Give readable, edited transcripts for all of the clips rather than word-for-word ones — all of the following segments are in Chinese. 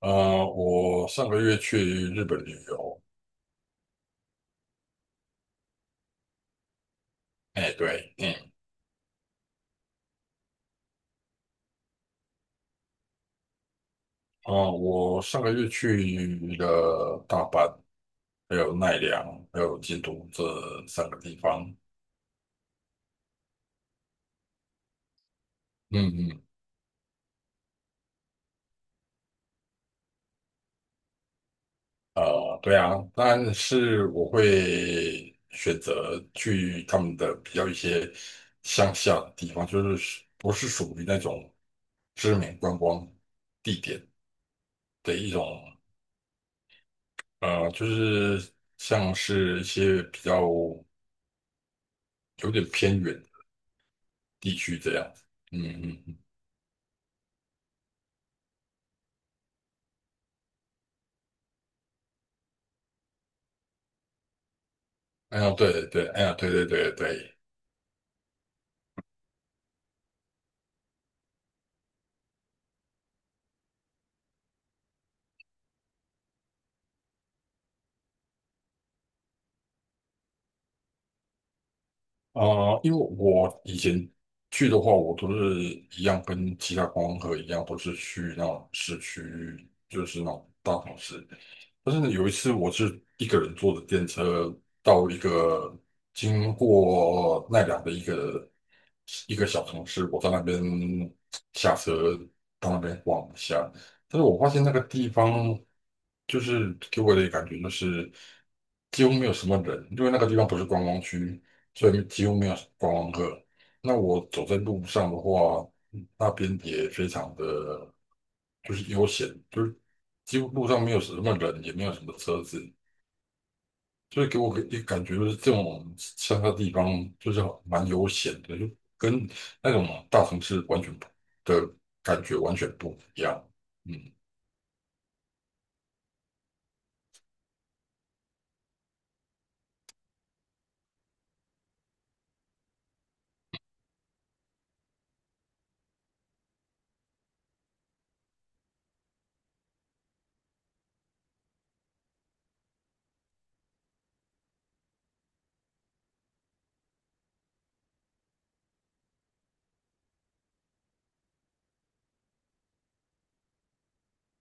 我上个月去日本旅游。哎，对，嗯。啊、我上个月去了大阪，还有奈良，还有京都这三个地方。嗯嗯。对啊，但是我会选择去他们的比较一些乡下的地方，就是不是属于那种知名观光地点的一种，就是像是一些比较有点偏远，地区这样子。嗯嗯嗯。哎呀，对对。哎呀，对对对对。啊、因为我以前去的话，我都是一样跟其他观光客一样，都是去那种市区，就是那种大城市。但是有一次我是一个人坐的电车到一个经过奈良的一个小城市，我在那边下车到那边逛一下。但是我发现那个地方就是给我的感觉就是几乎没有什么人，因为那个地方不是观光区，所以几乎没有观光客。那我走在路上的话，那边也非常的就是悠闲，就是几乎路上没有什么人，也没有什么车子，所以给我一个感觉就是这种乡下地方就是蛮悠闲的，就跟那种大城市完全不的感觉完全不一样。嗯。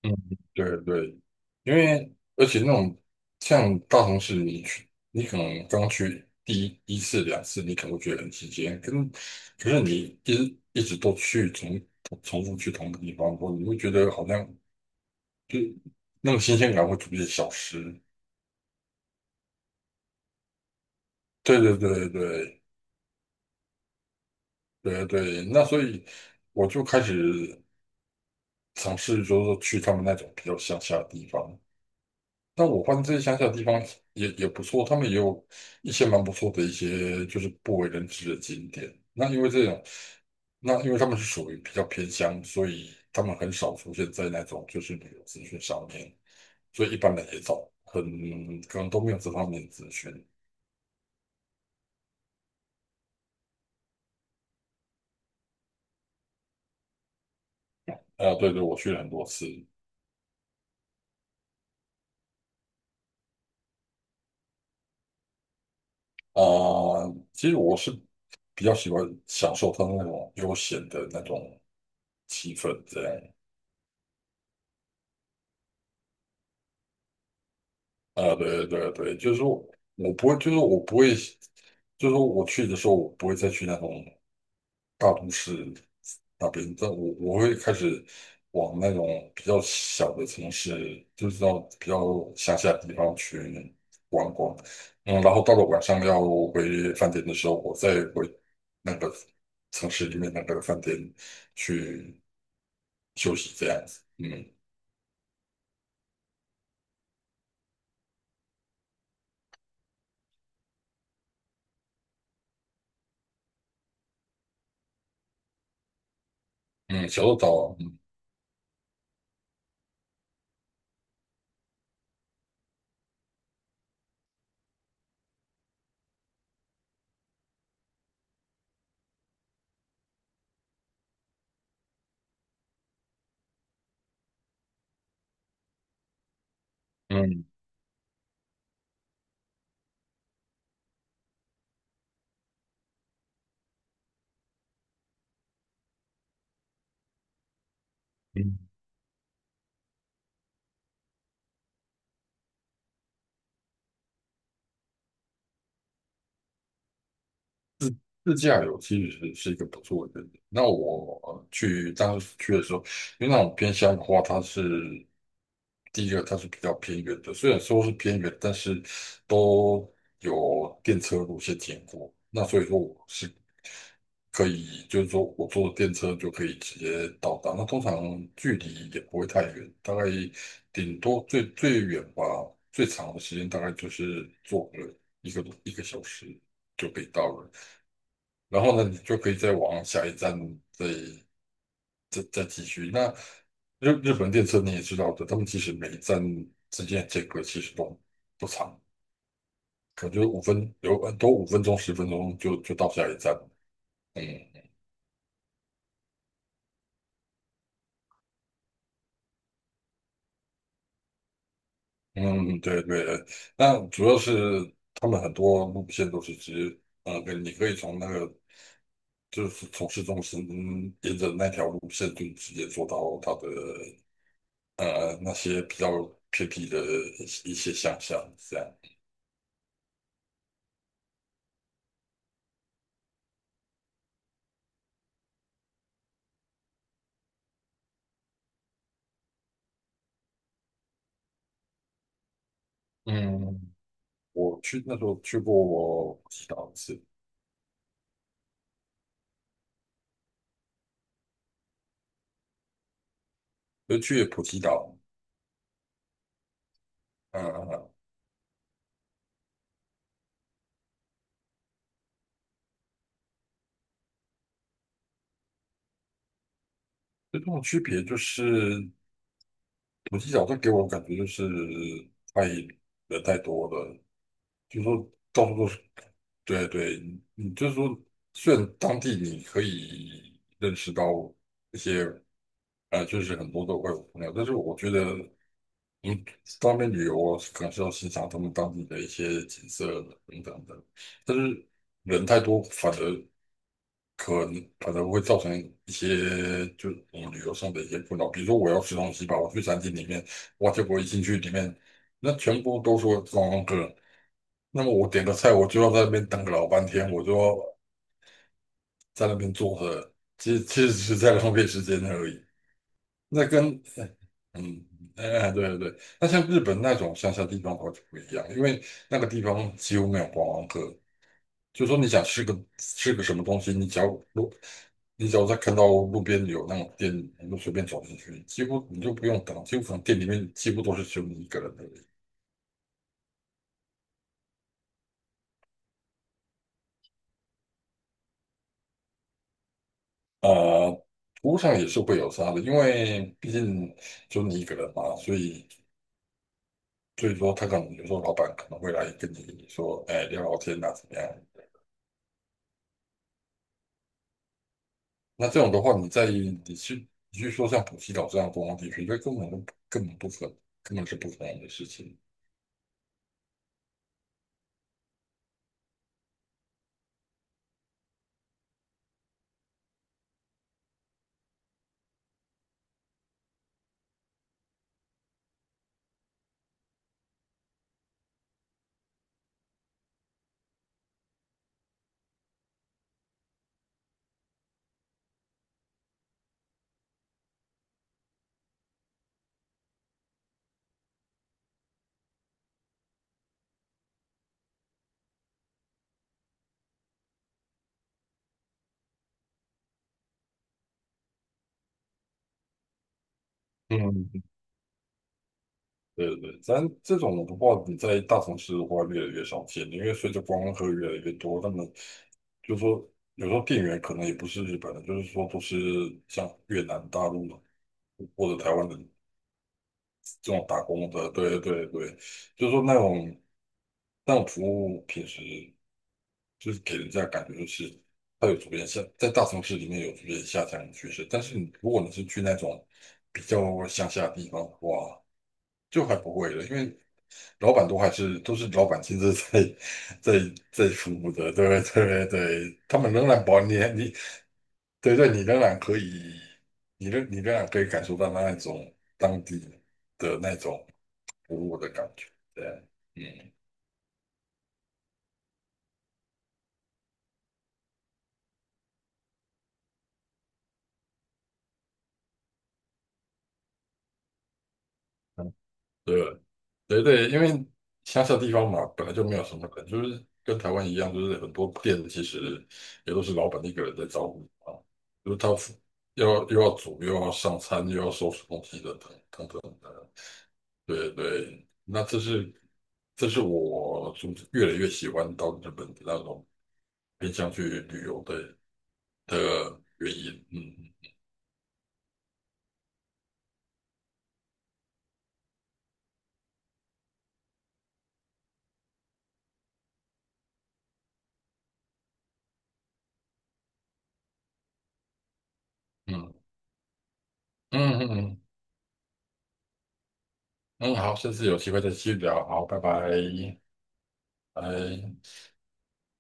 嗯，对对，因为而且那种像大城市，你可能刚去第一次两次，你可能会觉得很新鲜，跟可是你一直一直都去重复去同一个地方，你会觉得好像，就那种新鲜感会逐渐消失。对对对对对对。那所以我就开始尝试，就是说去他们那种比较乡下的地方。但我发现这些乡下的地方也不错，他们也有一些蛮不错的一些就是不为人知的景点。那因为他们是属于比较偏乡，所以他们很少出现在那种就是旅游资讯上面，所以一般人也少，很可能都没有这方面的资讯。啊、对对，我去了很多次。啊、其实我是比较喜欢享受它那种悠闲的那种气氛，这样。啊，对对对，就是说我不会，就是我不会，就是说我去的时候，我不会再去那种大都市那边，但我会开始往那种比较小的城市，就是到比较乡下的地方去逛逛。嗯，然后到了晚上要回饭店的时候，我再回那个城市里面那个饭店去休息，这样子。嗯嗯。小鹿岛啊，嗯。嗯嗯自驾游其实是一个不错的选择。那我当时去的时候，因为那种偏乡的话，它是第一个它是比较偏远的，虽然说是偏远，但是都有电车路线经过。那所以说我是可以，就是说我坐电车就可以直接到达。那通常距离也不会太远，大概顶多最远吧，最长的时间大概就是坐个一个小时就可以到了。然后呢，你就可以再往下一站再再继续。那日本电车你也知道的，他们其实每一站之间的间隔其实都不长，可能就是五分，有很多5分钟、10分钟就到下一站。嗯嗯，对对，那主要是他们很多路线都是直接跟你可以从那个就是从市中心沿着那条路线就直接坐到它的那些比较偏僻的一些乡下这样。嗯，我去那时候去过我普吉岛一次，就去普吉岛。嗯。最重要的区别就是普吉岛它给我感觉就是太人太多了，就是说到处都是。对对，你就是说虽然当地你可以认识到一些就是很多的外国朋友，但是我觉得你当面旅游啊可能是要欣赏他们当地的一些景色等等的，但是人太多反而，可能会造成一些就是我们旅游上的一些困扰。比如说我要吃东西吧，我去餐厅里面，哇，结果一进去里面，那全部都说观光客，那么我点个菜，我就要在那边等个老半天，我就要在那边坐着，其实只是在浪费时间而已。那跟嗯，哎，对对对，那像日本那种乡下地方的话就不一样，因为那个地方几乎没有观光客，就说你想吃个什么东西，路，你只要在看到路边有那种店，你就随便走进去，几乎你就不用等，几乎可能店里面几乎都是只有你一个人的。呃，服务上也是会有差的，因为毕竟就你一个人嘛，所以说他可能有时候老板可能会来跟你说，哎，聊聊天呐，怎么样？那这种的话，你去说像普吉岛这样的观光地区，这根本就根本不可能，根本是不可能的事情。嗯。对对对，咱这种的话，你在大城市的话越来越少见，因为随着观光客越来越多，那么就说有时候店员可能也不是日本人，就是说都是像越南、大陆或者台湾的这种打工的，对对对，就是说那种服务平时就是给人家感觉就是它有逐渐下，在大城市里面有逐渐下降的趋势，但是你如果你是去那种比较乡下的地方的话，就还不会了，因为老板都还是都是老板亲自在在服务的，对对对，他们仍然保你你对对，你仍然可以感受到那一种当地的那种服务的感觉，对。嗯。嗯对对对，因为乡下地方嘛，本来就没有什么人，就是跟台湾一样，就是很多店其实也都是老板一个人在招呼啊，就是他要又要煮又要上餐又要收拾东西的等等等。对对，那这是我就越来越喜欢到日本的那种偏向去旅游的原因。嗯嗯嗯嗯嗯。嗯好，下次有机会再继续聊。好，拜拜，拜。